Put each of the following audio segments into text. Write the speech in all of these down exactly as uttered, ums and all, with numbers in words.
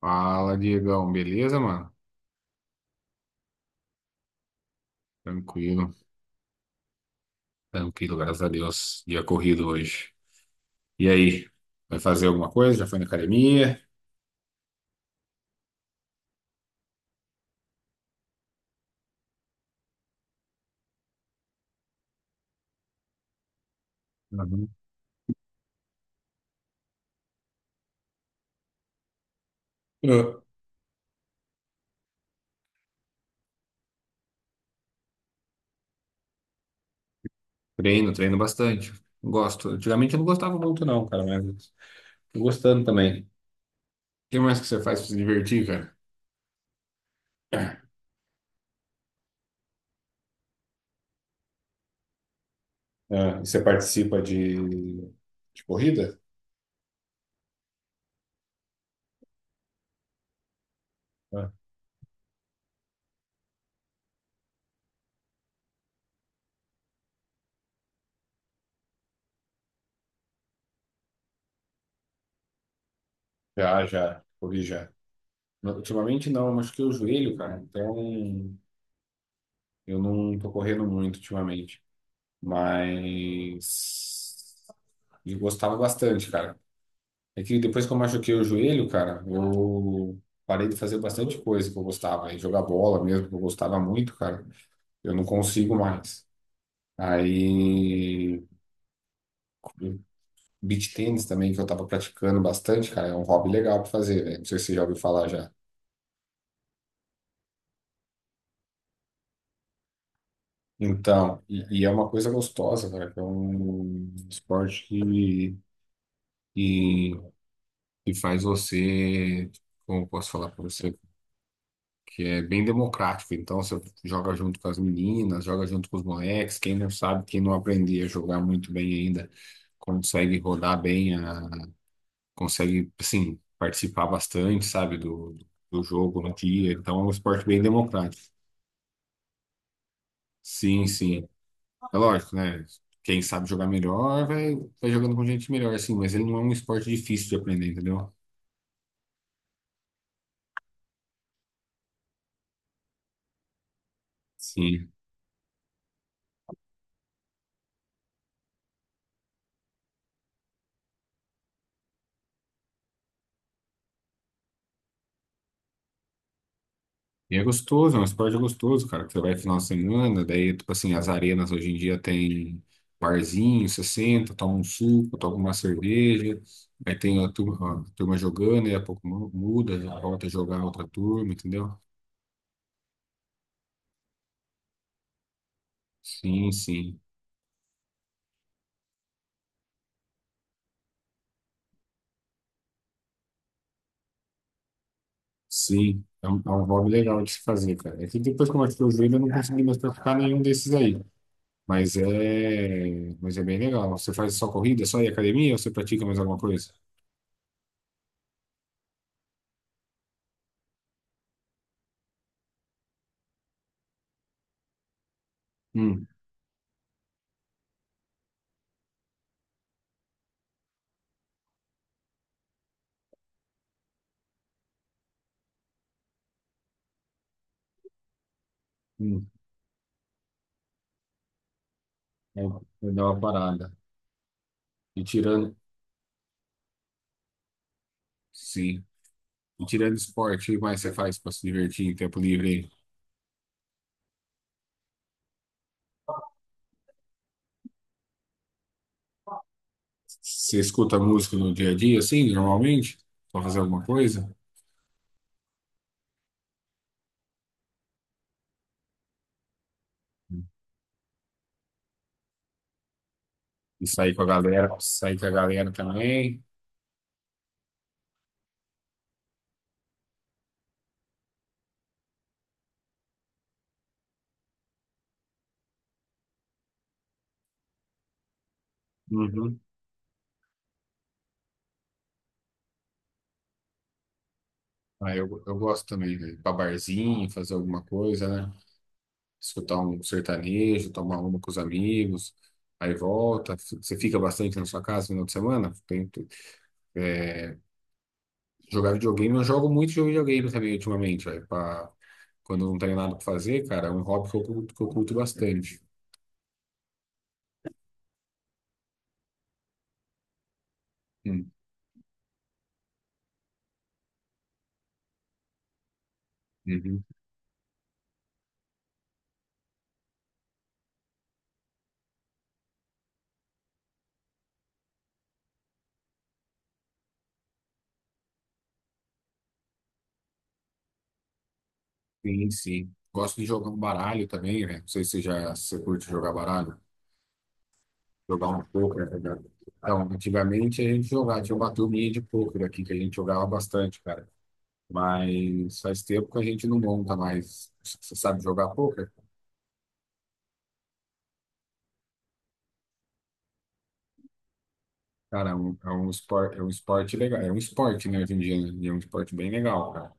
Fala, Diegão, beleza, mano? Tranquilo, tranquilo, graças a Deus. Dia corrido hoje. E aí, vai fazer alguma coisa? Já foi na academia? Uhum. Ah. Treino, treino bastante. Gosto. Antigamente eu não gostava muito, não, cara, mas tô gostando também. O que mais que você faz pra se divertir, cara? Ah, e você participa de, de corrida? Ah. Já, já, corri já. Ultimamente não, eu machuquei o joelho, cara. Então, eu não tô correndo muito ultimamente, mas eu gostava bastante, cara. É que depois que eu machuquei o joelho, cara, eu parei de fazer bastante coisa que eu gostava, e jogar bola mesmo, que eu gostava muito, cara. Eu não consigo mais. Aí, beach tennis também, que eu tava praticando bastante, cara, é um hobby legal pra fazer, velho. Não sei se você já ouviu falar já. Então, e, e é uma coisa gostosa, cara, que é um esporte que, que que faz você, como eu posso falar para você, que é bem democrático. Então você joga junto com as meninas, joga junto com os moleques. Quem não sabe, quem não aprende a jogar muito bem ainda, consegue rodar bem, a- consegue, assim, participar bastante, sabe, do, do jogo no dia. Então é um esporte bem democrático. Sim, sim. É lógico, né? Quem sabe jogar melhor vai, vai jogando com gente melhor, assim, mas ele não é um esporte difícil de aprender, entendeu? Sim. E é gostoso, é um esporte gostoso, cara, que você vai final de semana, daí, tipo assim, as arenas hoje em dia tem barzinho, você senta, toma um suco, toma uma cerveja, aí tem a turma, a turma jogando, e a pouco mu- muda, já volta a jogar outra turma, entendeu? Sim, sim, sim, é um, é um hobby legal de se fazer, cara. É que depois que eu machuquei o joelho, eu não consegui mais praticar nenhum desses aí, mas é, mas é bem legal. Você faz só corrida, só ir à academia, ou você pratica mais alguma coisa? Hum, hum, eu, eu uma parada. E tirando, sim. E tirando esporte, o que mais você faz para se divertir em tempo livre? Aí você escuta música no dia a dia, assim, normalmente? Pra fazer alguma coisa? E sair com a galera, sair com a galera também. Uhum. Ah, eu, eu gosto também, né? Ir pra barzinho, fazer alguma coisa, né? Escutar um sertanejo, tomar uma com os amigos, aí volta. Você fica bastante na sua casa no final de semana? Tem, jogar videogame, eu jogo muito jogo de videogame também ultimamente, velho. pra- Quando eu não tenho nada pra fazer, cara, é um hobby que eu, curto- que eu curto bastante. Hum, uhum. Sim, sim. Gosto de jogar um baralho também, né? Não sei se você já se você curte jogar baralho. Jogar um poker, né, cara? Então, antigamente a gente jogava, tinha uma turminha de poker aqui que a gente jogava bastante, cara. Mas faz tempo que a gente não monta mais. Você sabe jogar poker? Cara, é um, é um esporte, é um esporte legal. É um esporte, né, hoje em dia, né? E é um esporte bem legal, cara.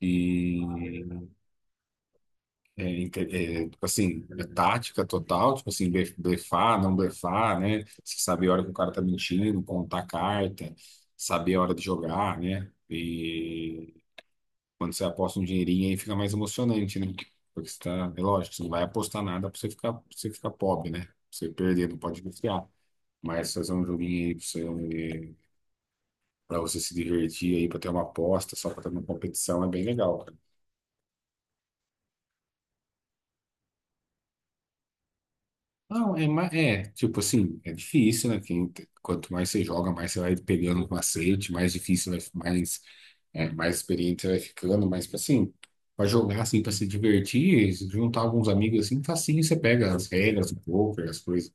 E é, inte- é, tipo assim, é tática total, tipo assim, blef- blefar, não blefar, né? Você saber a hora que o cara tá mentindo, contar a carta, saber a hora de jogar, né? E quando você aposta um dinheirinho aí fica mais emocionante, né? Porque você tá, é lógico, você não vai apostar nada pra você ficar, pra você ficar pobre, né? Pra você perder, não pode confiar. Mas fazer um joguinho aí pra você, pra você se divertir aí, pra ter uma aposta, só pra ter uma competição é bem legal. Não, é, ma- é, tipo assim, é difícil, né? Quem, quanto mais você joga, mais você vai pegando o macete, mais difícil, vai- mais, é, mais experiente você vai ficando, mas, tipo assim, pra jogar, assim, pra se divertir, se juntar alguns amigos, assim, facinho, você pega as regras do poker, as coisas.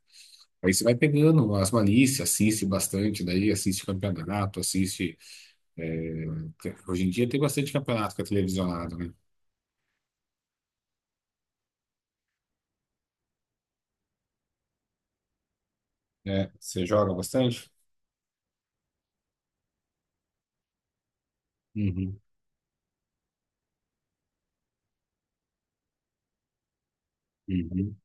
Aí você vai pegando as malícias, assiste bastante, daí assiste campeonato, assiste. É, hoje em dia tem bastante campeonato que é televisionado, né? É, você joga bastante? Uhum, uhum.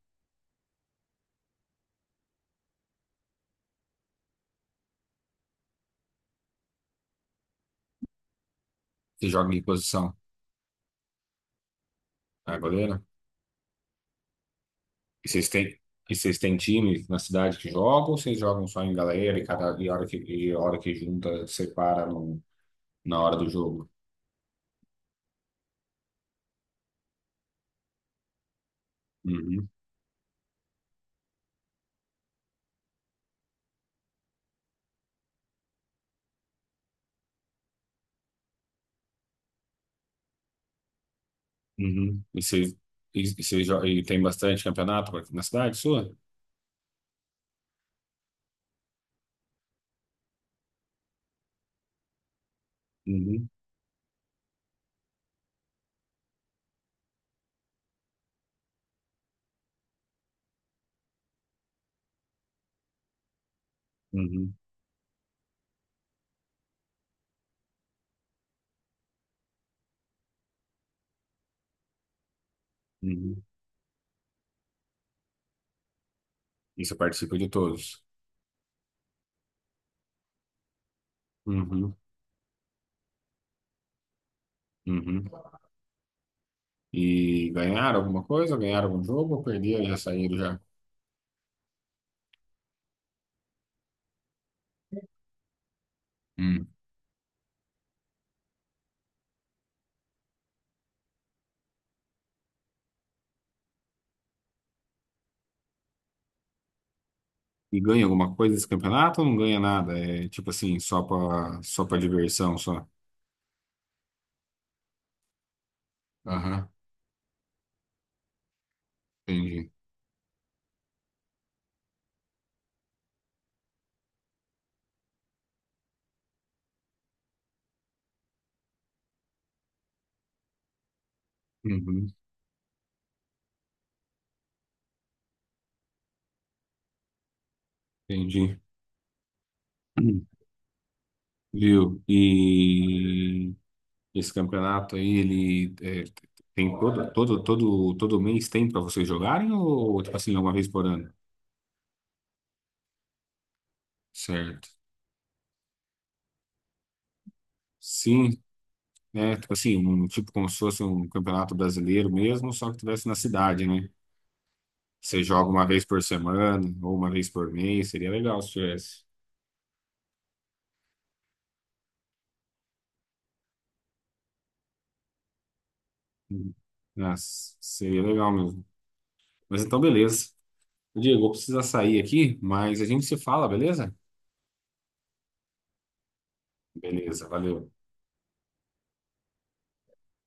Você joga em que posição? Ah, goleira. E vocês têm, e vocês têm time na cidade que jogam ou vocês jogam só em galera e cada e hora que, e hora que junta, separa no, na hora do jogo? Uhum, uhum. E vocês, e, e vocês jo- e tem bastante campeonato na cidade sua? Uhum, uhum, uhum. E você participa de todos? Uhum, uhum. E ganharam alguma coisa? Ganharam algum jogo ou perderam e já saíram já? Hum. E ganha alguma coisa desse campeonato ou não ganha nada? É tipo assim, só pra, só pra diversão, só? Aham, entendi. Uhum, entendi. Hum. Viu? E esse campeonato aí, ele é, tem todo, todo, todo, todo mês tem para vocês jogarem ou, tipo assim, uma vez por ano? Certo. Sim, né? Tipo assim, um, tipo como se fosse um campeonato brasileiro mesmo, só que tivesse na cidade, né? Você joga uma vez por semana ou uma vez por mês, seria legal se tivesse. Hum. Nossa, seria legal mesmo. Mas então, beleza. Diego, eu vou precisar sair aqui, mas a gente se fala, beleza? Beleza, valeu.